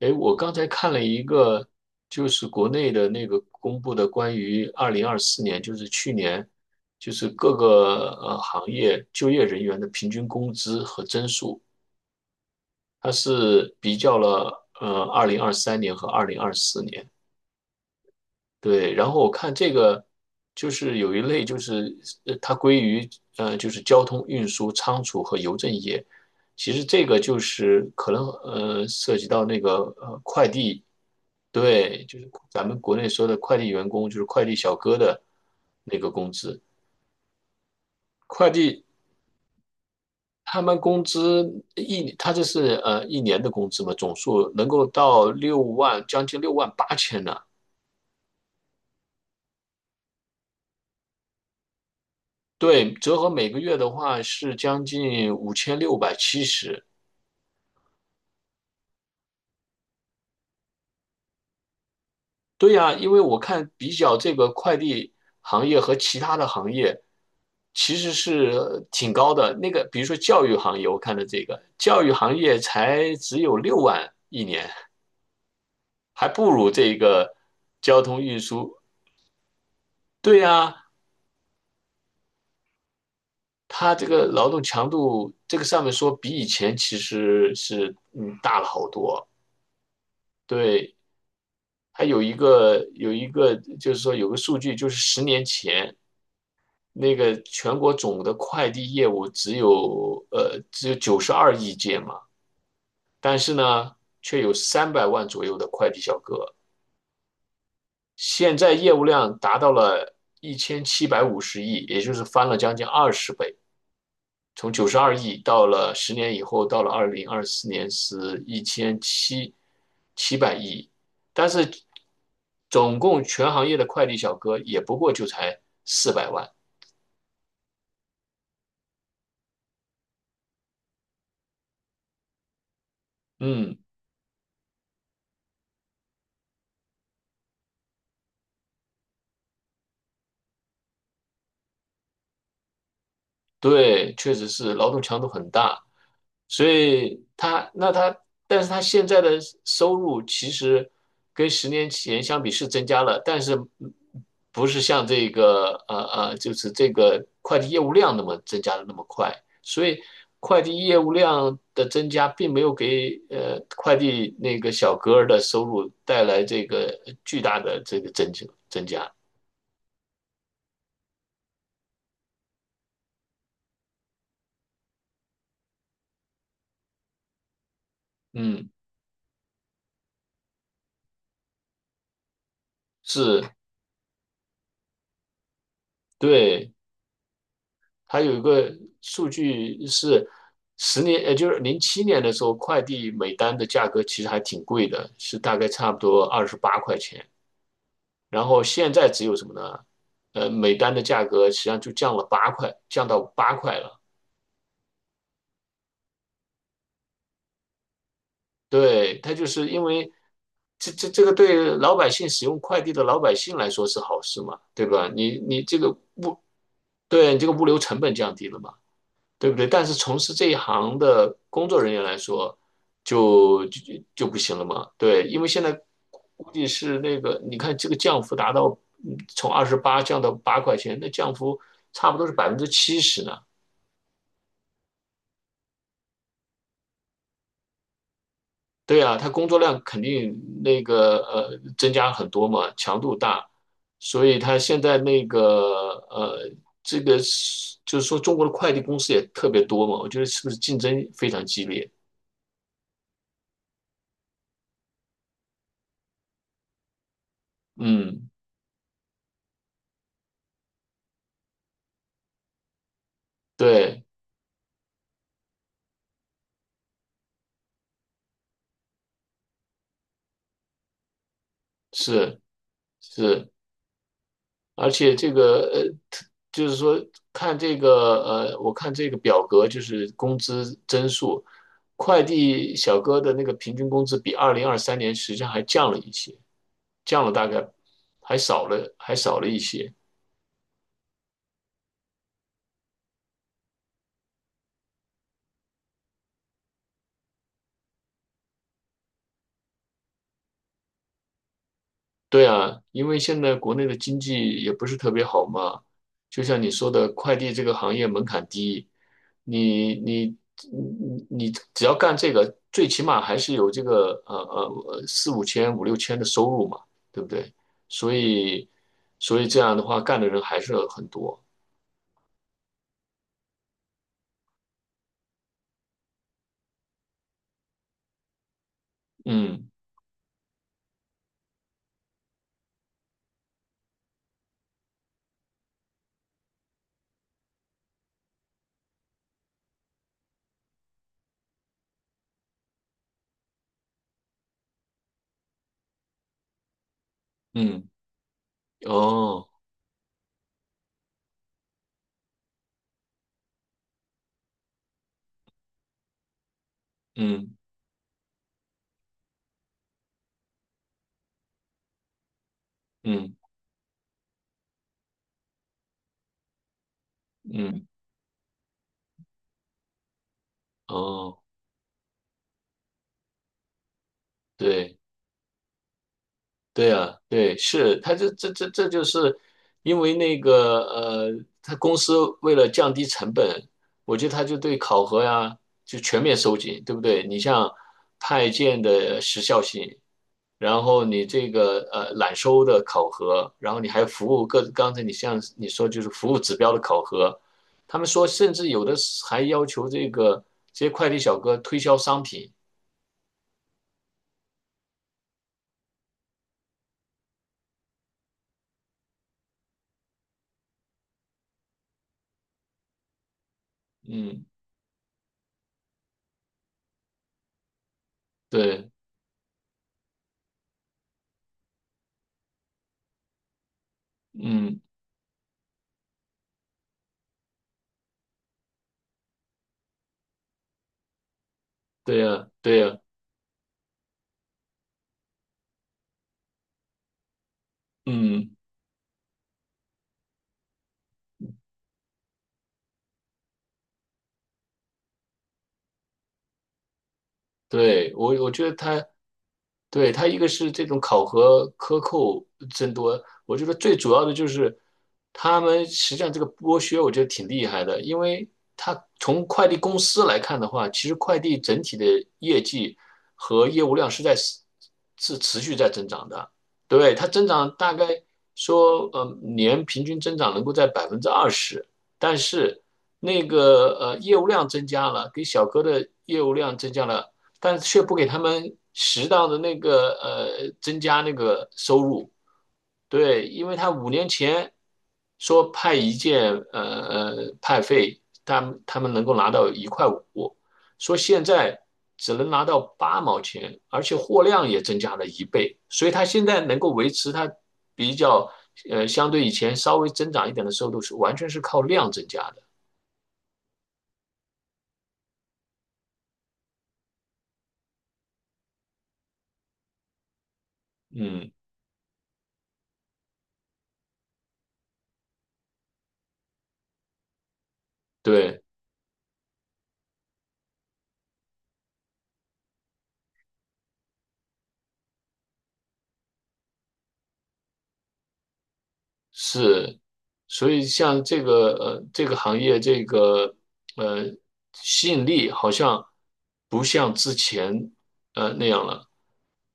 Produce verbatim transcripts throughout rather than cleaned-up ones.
哎，我刚才看了一个，就是国内的那个公布的关于二零二四年，就是去年，就是各个呃行业就业人员的平均工资和增速，它是比较了呃二零二三年和二零二四年。对，然后我看这个就是有一类就是呃它归于呃就是交通运输、仓储和邮政业，其实这个就是可能呃涉及到那个呃快递。对，就是咱们国内说的快递员工，就是快递小哥的那个工资。快递他们工资一，他这是呃一年的工资嘛，总数能够到六万，将近六万八千呢。对，折合每个月的话是将近五千六百七十。对呀，因为我看比较这个快递行业和其他的行业，其实是呃挺高的。那个比如说教育行业，我看的这个教育行业才只有六万一年，还不如这个交通运输。对呀，它这个劳动强度这个上面说比以前其实是嗯大了好多。对，还有一个有一个就是说有个数据，就是十年前那个全国总的快递业务只有呃只有九十二亿件嘛，但是呢，却有三百万左右的快递小哥，现在业务量达到了一千七百五十亿，也就是翻了将近二十倍，从九十二亿到了十年以后，到了二零二四年是一千七七百亿，但是总共全行业的快递小哥也不过就才四百万。嗯。对，确实是劳动强度很大，所以他那他，但是他现在的收入其实跟十年前相比是增加了，但是不是像这个呃呃，就是这个快递业务量那么增加的那么快，所以快递业务量的增加并没有给呃快递那个小哥儿的收入带来这个巨大的这个增加增加，嗯，是，对。还有一个数据是十年，也就是零七年的时候，快递每单的价格其实还挺贵的，是大概差不多二十八块钱。然后现在只有什么呢？呃，每单的价格实际上就降了八块，降到八块了。对，它就是因为这这这个对老百姓使用快递的老百姓来说是好事嘛，对吧？你你这个对你这个物流成本降低了嘛，对不对？但是从事这一行的工作人员来说，就就就不行了嘛。对，因为现在估计是那个，你看这个降幅达到，嗯从二十八降到八块钱，那降幅差不多是百分之七十呢。对啊，他工作量肯定那个呃增加很多嘛，强度大，所以他现在那个呃这个是就是说中国的快递公司也特别多嘛，我觉得是不是竞争非常激烈？嗯，对，是。是，而且这个呃，就是说看这个呃，我看这个表格就是工资增速，快递小哥的那个平均工资比二零二三年实际上还降了一些，降了大概还少了还少了一些。对啊，因为现在国内的经济也不是特别好嘛，就像你说的，快递这个行业门槛低，你你你你只要干这个，最起码还是有这个呃呃呃四五千五六千的收入嘛，对不对？所以所以这样的话，干的人还是很多。嗯，嗯，哦，嗯，嗯，嗯，哦，对。对啊，对，是，他这这这这就是因为那个呃，他公司为了降低成本，我觉得他就对考核呀就全面收紧，对不对？你像派件的时效性，然后你这个呃揽收的考核，然后你还有服务各，刚才你像你说就是服务指标的考核，他们说甚至有的是还要求这个这些快递小哥推销商品，嗯，对，嗯，对呀，对呀，嗯。对，我我觉得它，对，它一个是这种考核克扣增多，我觉得最主要的就是他们实际上这个剥削，我觉得挺厉害的，因为他从快递公司来看的话，其实快递整体的业绩和业务量是在是持续在增长的，对，它增长大概说，呃，年平均增长能够在百分之二十，但是那个呃业务量增加了，给小哥的业务量增加了但却不给他们适当的那个呃增加那个收入。对，因为他五年前说派一件呃呃派费，他们他们能够拿到一块五，说现在只能拿到八毛钱，而且货量也增加了一倍，所以他现在能够维持他比较呃相对以前稍微增长一点的收入是完全是靠量增加的。嗯，对。是，所以像这个呃这个行业这个呃吸引力好像不像之前呃那样了，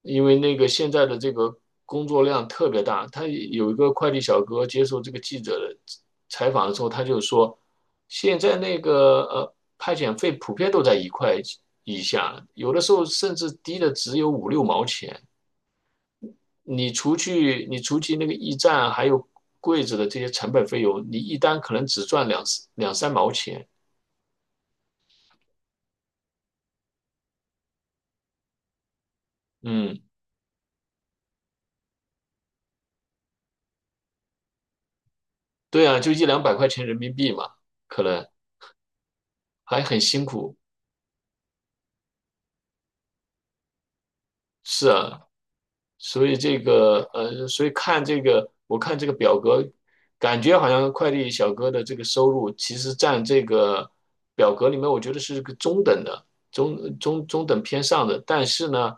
因为那个现在的这个工作量特别大。他有一个快递小哥接受这个记者的采访的时候，他就说，现在那个呃派遣费普遍都在一块以下，有的时候甚至低的只有五六毛钱。你除去你除去那个驿站还有柜子的这些成本费用，你一单可能只赚两两三毛钱。嗯，对啊，就一两百块钱人民币嘛，可能还很辛苦。是啊，所以这个呃，所以看这个，我看这个表格，感觉好像快递小哥的这个收入其实占这个表格里面，我觉得是个中等的，中中中等偏上的。但是呢，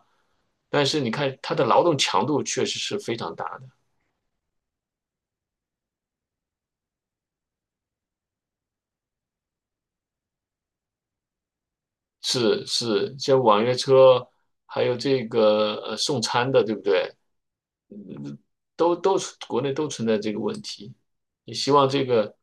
但是你看他的劳动强度确实是非常大的。是是，像网约车，还有这个呃送餐的，对不对？都都国内都存在这个问题。也希望这个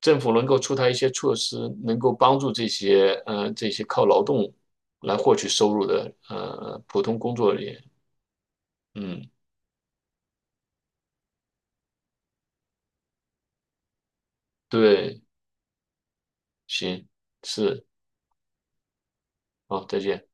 政府能够出台一些措施，能够帮助这些呃这些靠劳动来获取收入的呃普通工作人员。嗯，对，行，是，好，再见。